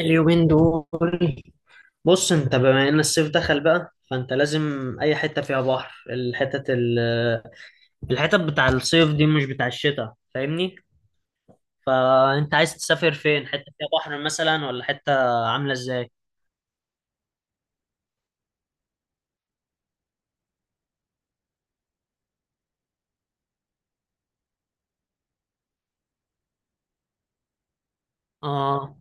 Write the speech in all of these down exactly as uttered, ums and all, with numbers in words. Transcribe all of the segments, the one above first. اليومين دول. بص، انت بما ان الصيف دخل بقى فانت لازم اي حته فيها بحر. الحتت ال... الحتت بتاع الصيف دي مش بتاع الشتاء، فاهمني؟ فانت عايز تسافر فين، حته فيها بحر مثلا ولا حته عامله ازاي؟ اه،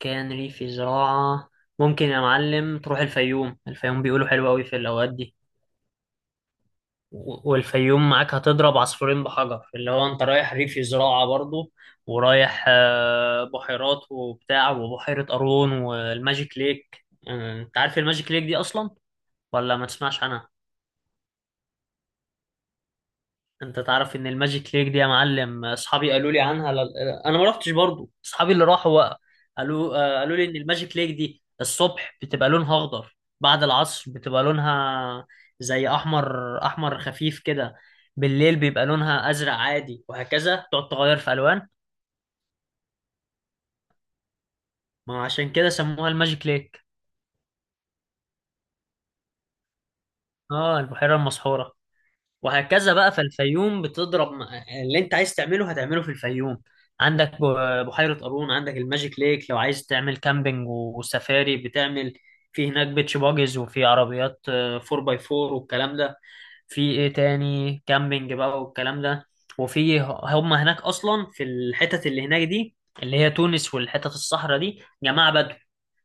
كان ريفي زراعه. ممكن يا معلم تروح الفيوم. الفيوم بيقولوا حلو قوي في الاوقات دي. و- والفيوم معاك هتضرب عصفورين بحجر، اللي هو انت رايح ريف زراعة برضو، ورايح آه، بحيرات وبتاع، وبحيرة قارون والماجيك ليك. آه، انت عارف الماجيك ليك دي اصلا ولا ما تسمعش عنها؟ انت تعرف ان الماجيك ليك دي يا معلم، اصحابي قالوا لي عنها، ل... انا ما رحتش برضو، اصحابي اللي راحوا بقى قالوا آه، قالوا لي ان الماجيك ليك دي الصبح بتبقى لونها اخضر، بعد العصر بتبقى لونها زي احمر، احمر خفيف كده، بالليل بيبقى لونها ازرق عادي، وهكذا تقعد تغير في الوان. ما عشان كده سموها الماجيك ليك، اه، البحيرة المسحورة. وهكذا بقى، فالفيوم بتضرب مع- اللي انت عايز تعمله هتعمله في الفيوم. عندك ب- بحيرة قارون، عندك الماجيك ليك. لو عايز تعمل كامبينج وسفاري، بتعمل في هناك بيتش باجز، وفي عربيات فور باي فور والكلام ده. في ايه تاني، كامبينج بقى والكلام ده، وفي هم هناك اصلا، في الحتت اللي هناك دي اللي هي تونس والحتت الصحراء دي، جماعة بدو.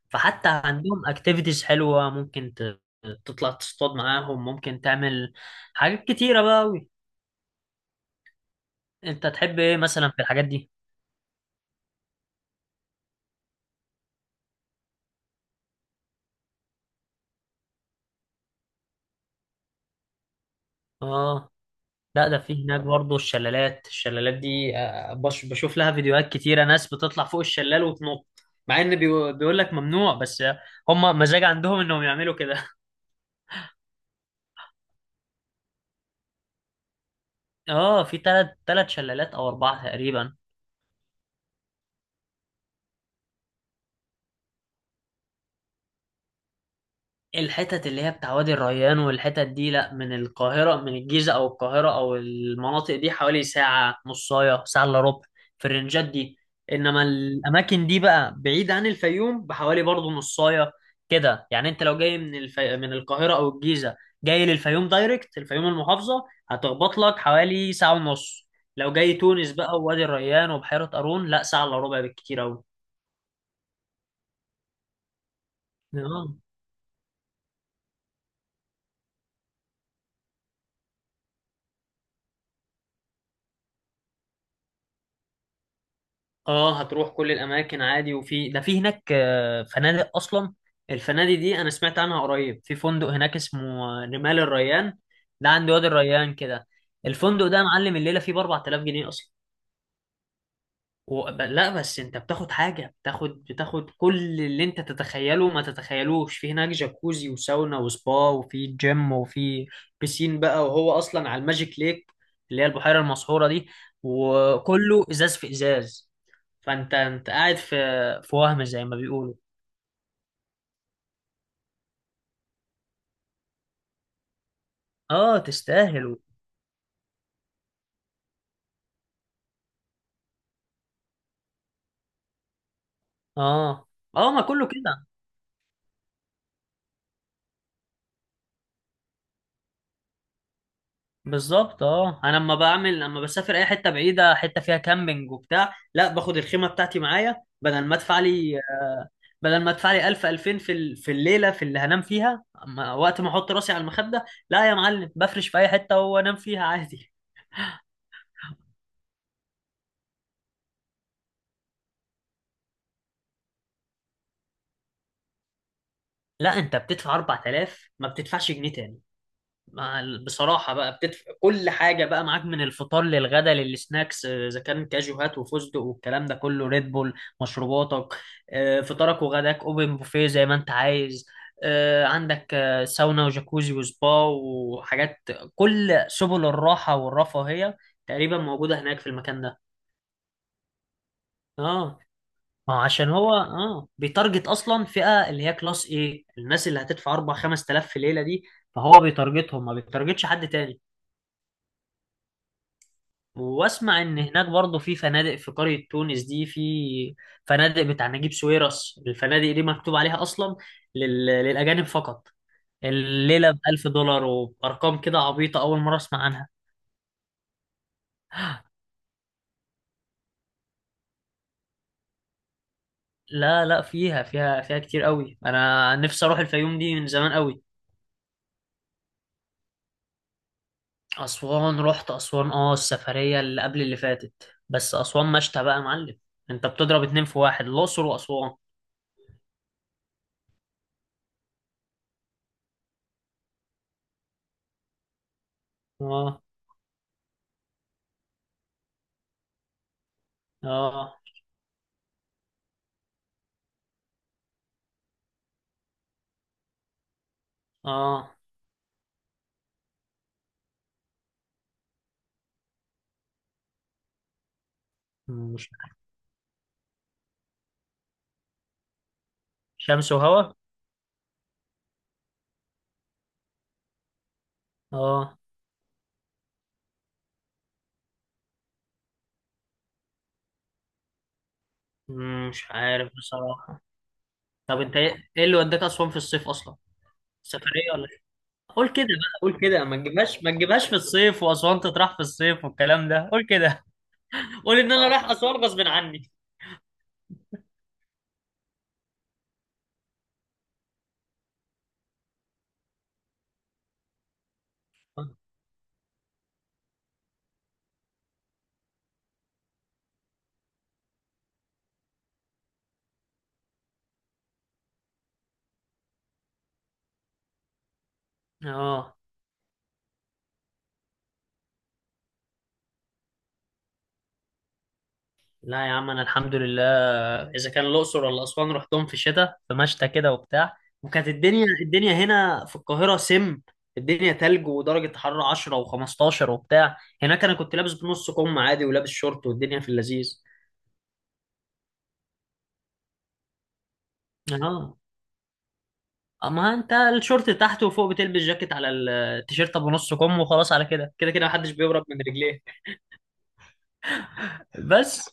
فحتى عندهم اكتيفيتيز حلوة، ممكن ت- تطلع تصطاد معاهم، ممكن تعمل حاجات كتيرة بقى. انت تحب ايه مثلا في الحاجات دي؟ اه، لا، ده في هناك برضه الشلالات. الشلالات دي آه، بش- بشوف لها فيديوهات كتيرة، ناس بتطلع فوق الشلال وتنط، مع ان بيقو- بيقول لك ممنوع، بس هم مزاج عندهم انهم يعملوا كده. اه، في تلات تلات شلالات او اربعة تقريبا. الحتت اللي هي بتاع وادي الريان والحتت دي، لا، من القاهرة، من الجيزة أو القاهرة أو المناطق دي، حوالي ساعة نصاية، ساعة إلا ربع في الرنجات دي. إنما الأماكن دي بقى بعيد عن الفيوم بحوالي برضه نصاية كده يعني. أنت لو جاي من الفي... من القاهرة أو الجيزة، جاي للفيوم دايركت، الفيوم المحافظة هتخبط لك حوالي ساعة ونص. لو جاي تونس بقى، ووادي الريان وبحيرة قارون، لا، ساعة إلا ربع بالكتير أوي. آه. اه، هتروح كل الاماكن عادي، وفي ده في هناك آه، فنادق اصلا. الفنادق دي انا سمعت عنها قريب، في فندق هناك اسمه آه، رمال الريان. ده عند وادي الريان كده. الفندق ده يا معلم، الليله فيه ب اربعتلاف جنيه اصلا. و... ب- لا، بس انت بتاخد حاجه، بتاخد بتاخد كل اللي انت تتخيله ما تتخيلوش. في هناك جاكوزي وساونا وسبا، وفي جيم، وفي بيسين بقى، وهو اصلا على الماجيك ليك اللي هي البحيره المسحوره دي، وكله ازاز في ازاز. فانت انت قاعد في في وهم، زي ما بيقولوا. اه، تستاهلوا. اه، اه، ما كله كده. بالظبط. اه، انا لما بعمل، لما بسافر اي حته بعيده، حته فيها كامبينج وبتاع، لا، باخد الخيمه بتاعتي معايا، بدل ما ادفع لي آه، بدل ما ادفع لي الف الفين في ال- في الليله، في اللي هنام فيها. أما وقت ما احط راسي على المخده، لا يا معلم، بفرش في اي حته وانام فيها عادي. لا، انت بتدفع اربعة الاف، ما بتدفعش جنيه تاني. مع ال- بصراحة بقى، بتدفع كل حاجة بقى معاك، من الفطار للغدا للسناكس، آه، إذا كان كاجوهات وفستق والكلام ده كله، ريد بول، مشروباتك، آه، فطارك وغداك أوبن بوفيه زي ما أنت عايز، آه، عندك آه، ساونا وجاكوزي وسبا وحاجات. كل سبل الراحة والرفاهية تقريبا موجودة هناك في المكان ده. اه. ما هو عشان هو، اه بيتارجت اصلا فئه اللي هي كلاس ايه، الناس اللي هتدفع اربعة خمس تلاف في ليله دي، فهو بيتارجتهم، ما بيتارجتش حد تاني. واسمع ان هناك برضه في فنادق، في قرية تونس دي في فنادق بتاع نجيب ساويرس، الفنادق دي مكتوب عليها اصلا لل... للاجانب فقط، الليلة بألف دولار، وبأرقام كده عبيطة، أول مرة أسمع عنها. لا، لا، فيها فيها فيها كتير قوي، أنا نفسي أروح الفيوم دي من زمان قوي. أسوان؟ رحت أسوان، أه السفرية اللي قبل اللي فاتت، بس أسوان مشتى بقى يا معلم، أنت بتضرب اتنين في واحد، الأقصر وأسوان. أه. أه. أه. مش شمس وهوا. اه، مم، مش عارف بصراحة. طب انت ايه، إيه اللي وداك اسوان في الصيف اصلا، سفرية ولا إيه؟ قول كده بقى، قول كده، ما تجيبهاش، ما تجيبهاش في الصيف، واسوان تطرح في الصيف والكلام ده، قول كده. قول ان انا رايح اسوان غصب عني. اه. لا يا عم، انا الحمد لله، اذا كان الاقصر ولا اسوان، رحتهم في الشتاء، في مشتى كده وبتاع، وكانت الدنيا الدنيا هنا في القاهره سم، الدنيا تلج، ودرجه حراره عشرة و15 وبتاع. هناك انا كنت لابس بنص كم عادي، ولابس شورت، والدنيا في اللذيذ. اه. اما انت الشورت تحت، وفوق بتلبس جاكيت على التيشيرت ابو نص كم، وخلاص، على كده كده كده، محدش بيهرب من رجليه. بس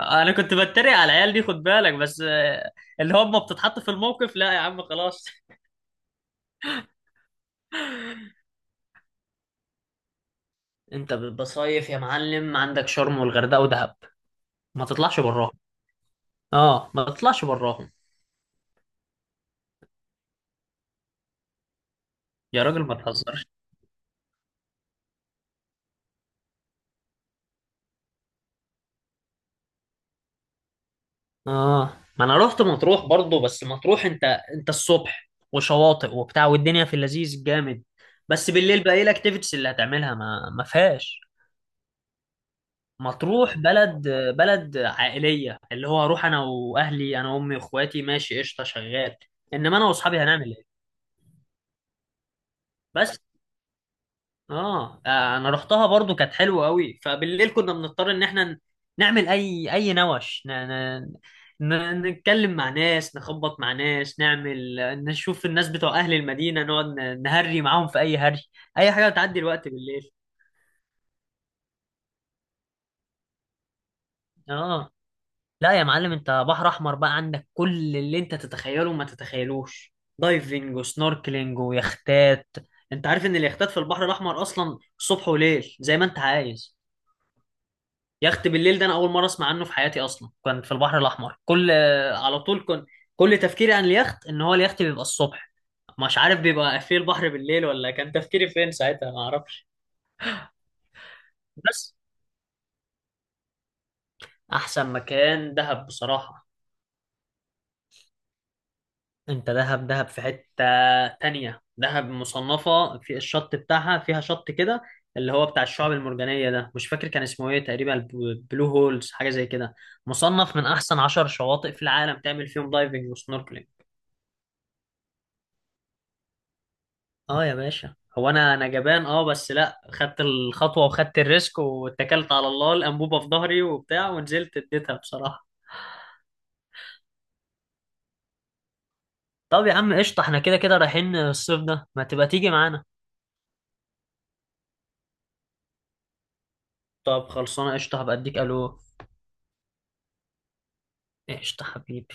انا كنت بتريق على العيال دي، خد بالك بس، آه، اللي هم بتتحط في الموقف. لا يا عم، خلاص. انت بتصيف يا معلم، عندك شرم والغردقه ودهب، ما تطلعش براهم. اه، ما تطلعش براهم. يا راجل ما تهزرش. اه، ما انا رحت مطروح برضو، بس مطروح، انت انت الصبح وشواطئ وبتاع، والدنيا في اللذيذ جامد، بس بالليل بقى، ايه الاكتيفيتيز اللي هتعملها؟ ما ما فيهاش. مطروح بلد. بلد عائلية، اللي هو اروح انا واهلي، انا وامي واخواتي، ماشي، قشطة، شغال، انما انا واصحابي هنعمل ايه؟ بس. اه آه، انا رحتها برضو، كانت حلوة قوي، فبالليل كنا بنضطر ان احنا ن- نعمل اي اي نوش، ن... ن... ن... نتكلم مع ناس، نخبط مع ناس، نعمل، نشوف الناس بتوع اهل المدينة، نقعد ن- نهري معاهم في اي هري، اي حاجة بتعدي الوقت بالليل. اه. لا يا معلم، انت بحر احمر بقى، عندك كل اللي انت تتخيله وما تتخيلوش، دايفنج وسنوركلينج ويختات. انت عارف ان اليختات في البحر الاحمر اصلا صبح وليل زي ما انت عايز. يخت بالليل ده انا اول مره اسمع عنه في حياتي اصلا، كان في البحر الاحمر كل، على طول، كن كل تفكيري عن اليخت ان هو اليخت بيبقى الصبح، مش عارف بيبقى في البحر بالليل ولا، كان تفكيري فين ساعتها، ما اعرفش. بس احسن مكان دهب بصراحه. انت دهب، دهب في حتة تانية، دهب مصنفة في الشط بتاعها، فيها شط كده اللي هو بتاع الشعب المرجانية ده، مش فاكر كان اسمه ايه تقريبا، الب- بلو هولز حاجة زي كده، مصنف من احسن عشر شواطئ في العالم، تعمل فيهم دايفنج وسنوركلينج. اه يا باشا، هو انا انا جبان، اه بس لا، خدت الخطوة، وخدت الريسك، واتكلت على الله، الانبوبة في ظهري وبتاع ونزلت، اديتها بصراحة. طب يا عم قشطة، احنا كده كده رايحين الصيف ده، ما تبقى تيجي معانا. طب خلصانة قشطة، هبقى اديك الو. قشطة حبيبي.